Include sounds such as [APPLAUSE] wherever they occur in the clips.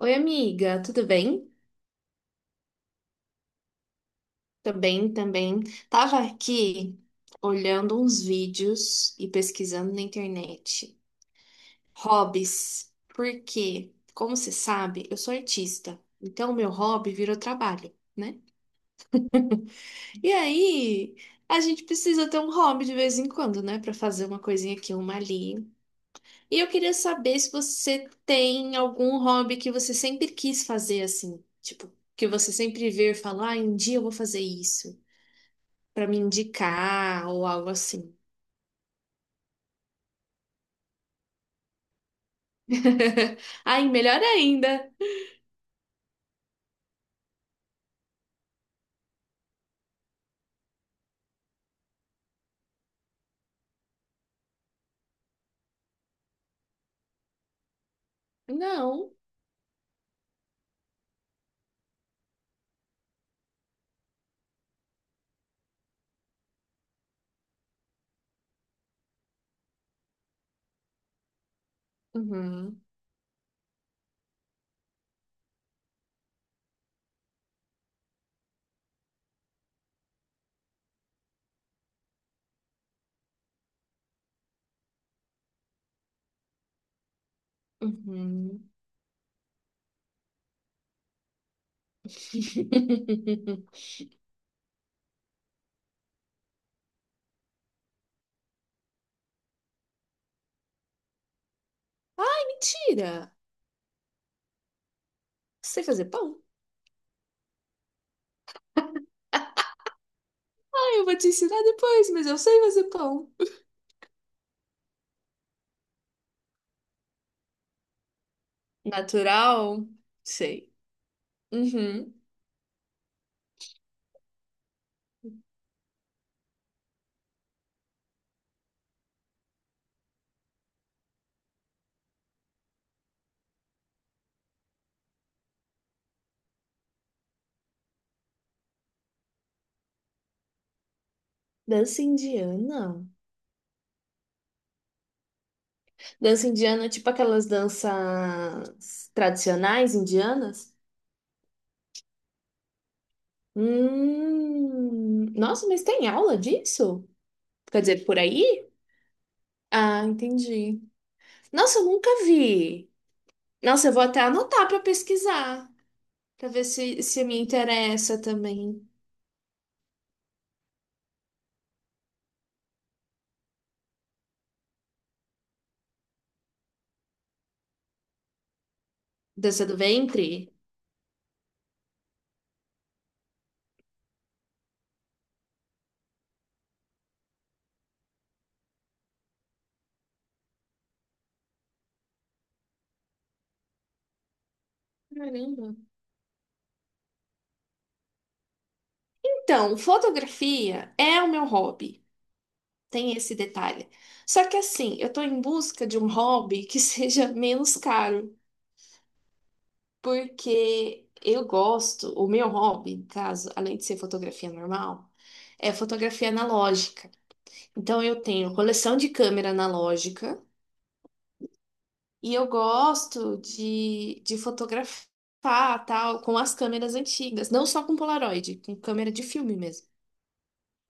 Oi, amiga, tudo bem? Também, também. Tava aqui olhando uns vídeos e pesquisando na internet. Hobbies. Porque, como você sabe, eu sou artista. Então, meu hobby virou trabalho, né? E aí, a gente precisa ter um hobby de vez em quando, né? Pra fazer uma coisinha aqui, uma ali. E eu queria saber se você tem algum hobby que você sempre quis fazer assim. Tipo, que você sempre vê e fala, ah, um dia eu vou fazer isso, para me indicar ou algo assim. [LAUGHS] Ai, melhor ainda. Não. Uhum. Uhum. [LAUGHS] Mentira. Sei fazer pão? Ah, eu vou te ensinar depois, mas eu sei fazer pão. Natural? Sei. Uhum. Dança indiana? Dança indiana, é tipo aquelas danças tradicionais indianas? Hum. Nossa, mas tem aula disso? Quer dizer, por aí? Ah, entendi. Nossa, eu nunca vi. Nossa, eu vou até anotar para pesquisar, para ver se me interessa também. Dança do ventre? Caramba. Então, fotografia é o meu hobby. Tem esse detalhe. Só que assim, eu tô em busca de um hobby que [LAUGHS] seja menos caro, porque eu gosto, o meu hobby, no caso, além de ser fotografia normal, é fotografia analógica. Então eu tenho coleção de câmera analógica. E eu gosto de fotografar, tal, com as câmeras antigas, não só com Polaroid, com câmera de filme mesmo.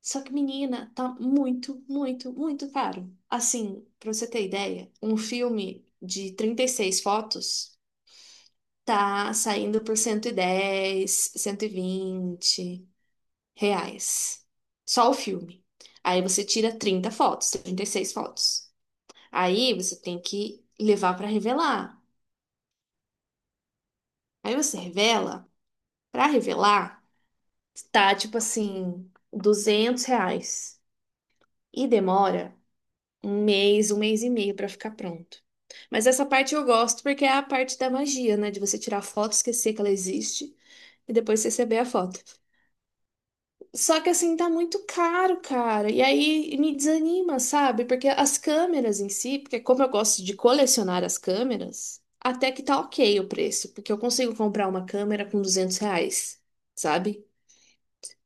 Só que, menina, tá muito, muito, muito caro. Assim, pra você ter ideia, um filme de 36 fotos tá saindo por 110, R$ 120. Só o filme. Aí você tira 30 fotos, 36 fotos. Aí você tem que levar pra revelar. Aí você revela. Para revelar, tá tipo assim, R$ 200. E demora um mês e meio para ficar pronto. Mas essa parte eu gosto porque é a parte da magia, né? De você tirar a foto, esquecer que ela existe e depois receber a foto. Só que assim, tá muito caro, cara. E aí me desanima, sabe? Porque as câmeras em si, porque como eu gosto de colecionar as câmeras, até que tá ok o preço, porque eu consigo comprar uma câmera com R$ 200, sabe?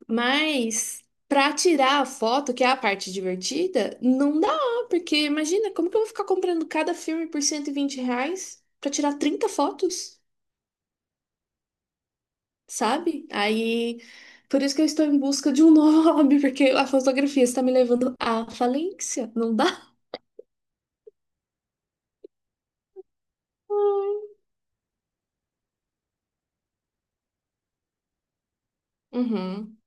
Mas para tirar a foto, que é a parte divertida, não dá, porque imagina, como que eu vou ficar comprando cada filme por R$ 120 para tirar 30 fotos, sabe? Aí, por isso que eu estou em busca de um novo [LAUGHS] hobby, porque a fotografia está me levando à falência, não dá? Uhum.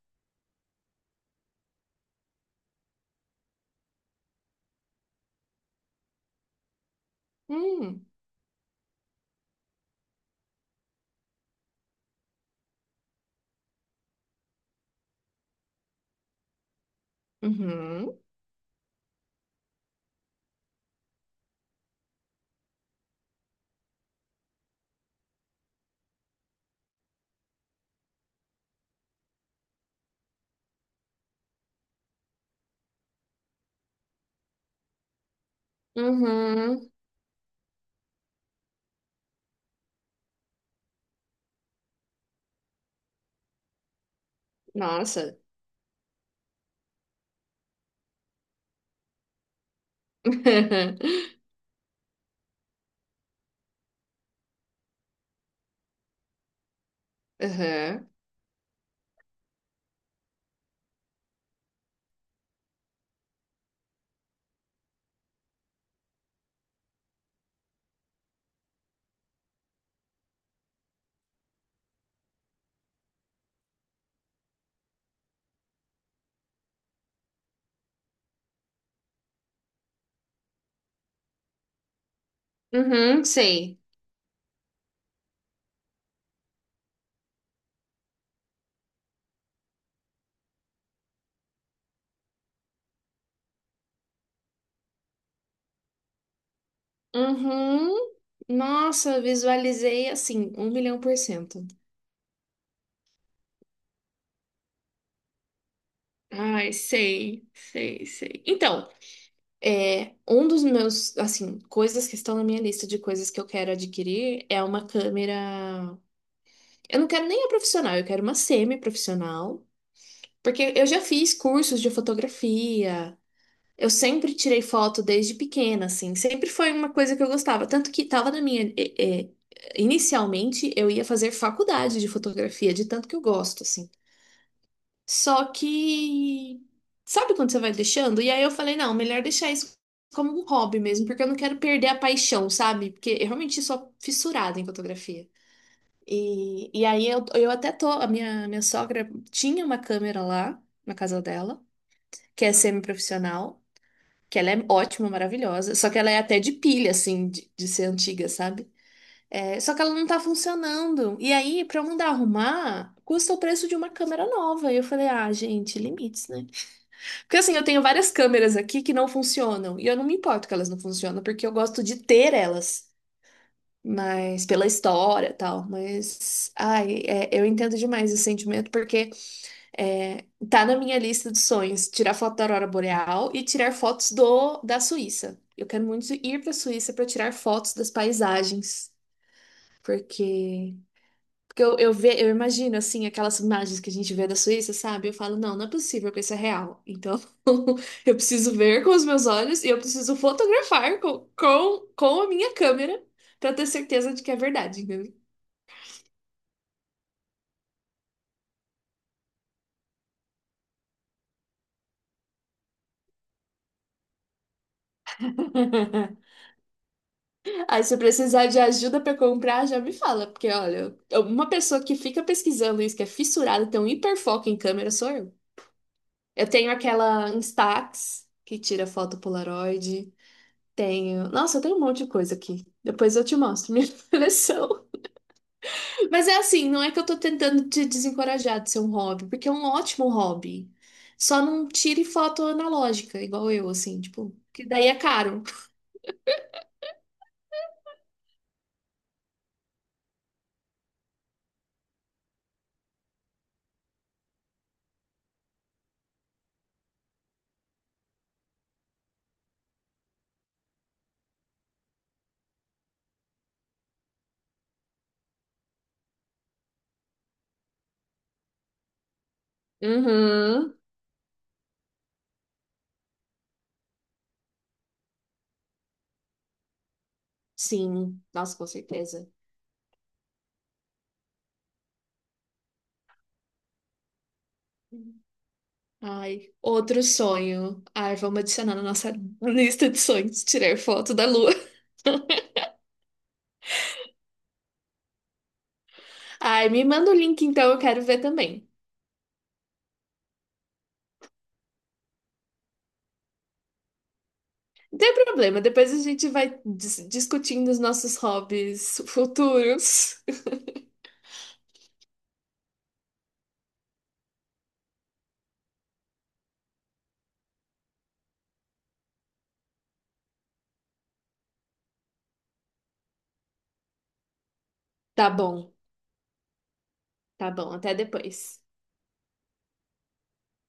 Hum. Uhum. Uhum. Nossa. [LAUGHS] Uhum. Uhum. Sei. Uhum. Nossa, visualizei assim, 1.000.000%. Ai, sei, sei, sei. Então, é, um dos meus, assim, coisas que estão na minha lista de coisas que eu quero adquirir é uma câmera. Eu não quero nem a profissional, eu quero uma semi-profissional. Porque eu já fiz cursos de fotografia. Eu sempre tirei foto desde pequena, assim, sempre foi uma coisa que eu gostava. Tanto que tava na minha. Inicialmente eu ia fazer faculdade de fotografia, de tanto que eu gosto, assim. Só que. Sabe quando você vai deixando? E aí eu falei, não, melhor deixar isso como um hobby mesmo, porque eu não quero perder a paixão, sabe? Porque eu realmente sou fissurada em fotografia. E aí eu até tô. A minha sogra tinha uma câmera lá, na casa dela, que é semi-profissional que ela é ótima, maravilhosa, só que ela é até de pilha, assim, de ser antiga, sabe? É, só que ela não tá funcionando. E aí, pra eu mandar arrumar, custa o preço de uma câmera nova. E eu falei, ah, gente, limites, né? Porque assim, eu tenho várias câmeras aqui que não funcionam. E eu não me importo que elas não funcionam, porque eu gosto de ter elas. Mas pela história e tal. Mas, ai, é, eu entendo demais esse sentimento, porque. É, tá na minha lista de sonhos tirar foto da aurora boreal e tirar fotos do da Suíça. Eu quero muito ir para a Suíça para tirar fotos das paisagens, porque porque eu imagino assim aquelas imagens que a gente vê da Suíça, sabe? Eu falo, não, não é possível que isso é real. Então, [LAUGHS] eu preciso ver com os meus olhos e eu preciso fotografar com a minha câmera para ter certeza de que é verdade, entendeu? [LAUGHS] Aí, se eu precisar de ajuda para comprar, já me fala, porque olha, uma pessoa que fica pesquisando isso, que é fissurada, tem um hiperfoco em câmera, sou eu. Eu tenho aquela Instax, que tira foto Polaroid. Tenho. Nossa, eu tenho um monte de coisa aqui. Depois eu te mostro minha [LAUGHS] coleção. Mas é assim, não é que eu tô tentando te desencorajar de ser um hobby, porque é um ótimo hobby. Só não tire foto analógica, igual eu, assim, tipo, que daí é caro. Uhum. Sim, nossa, com certeza. Ai, outro sonho. Ai, vamos adicionar na nossa lista de sonhos, tirar foto da lua. [LAUGHS] Ai, me manda o link então, eu quero ver também. Não tem problema, depois a gente vai discutindo os nossos hobbies futuros. [LAUGHS] Tá bom, tá bom, até depois.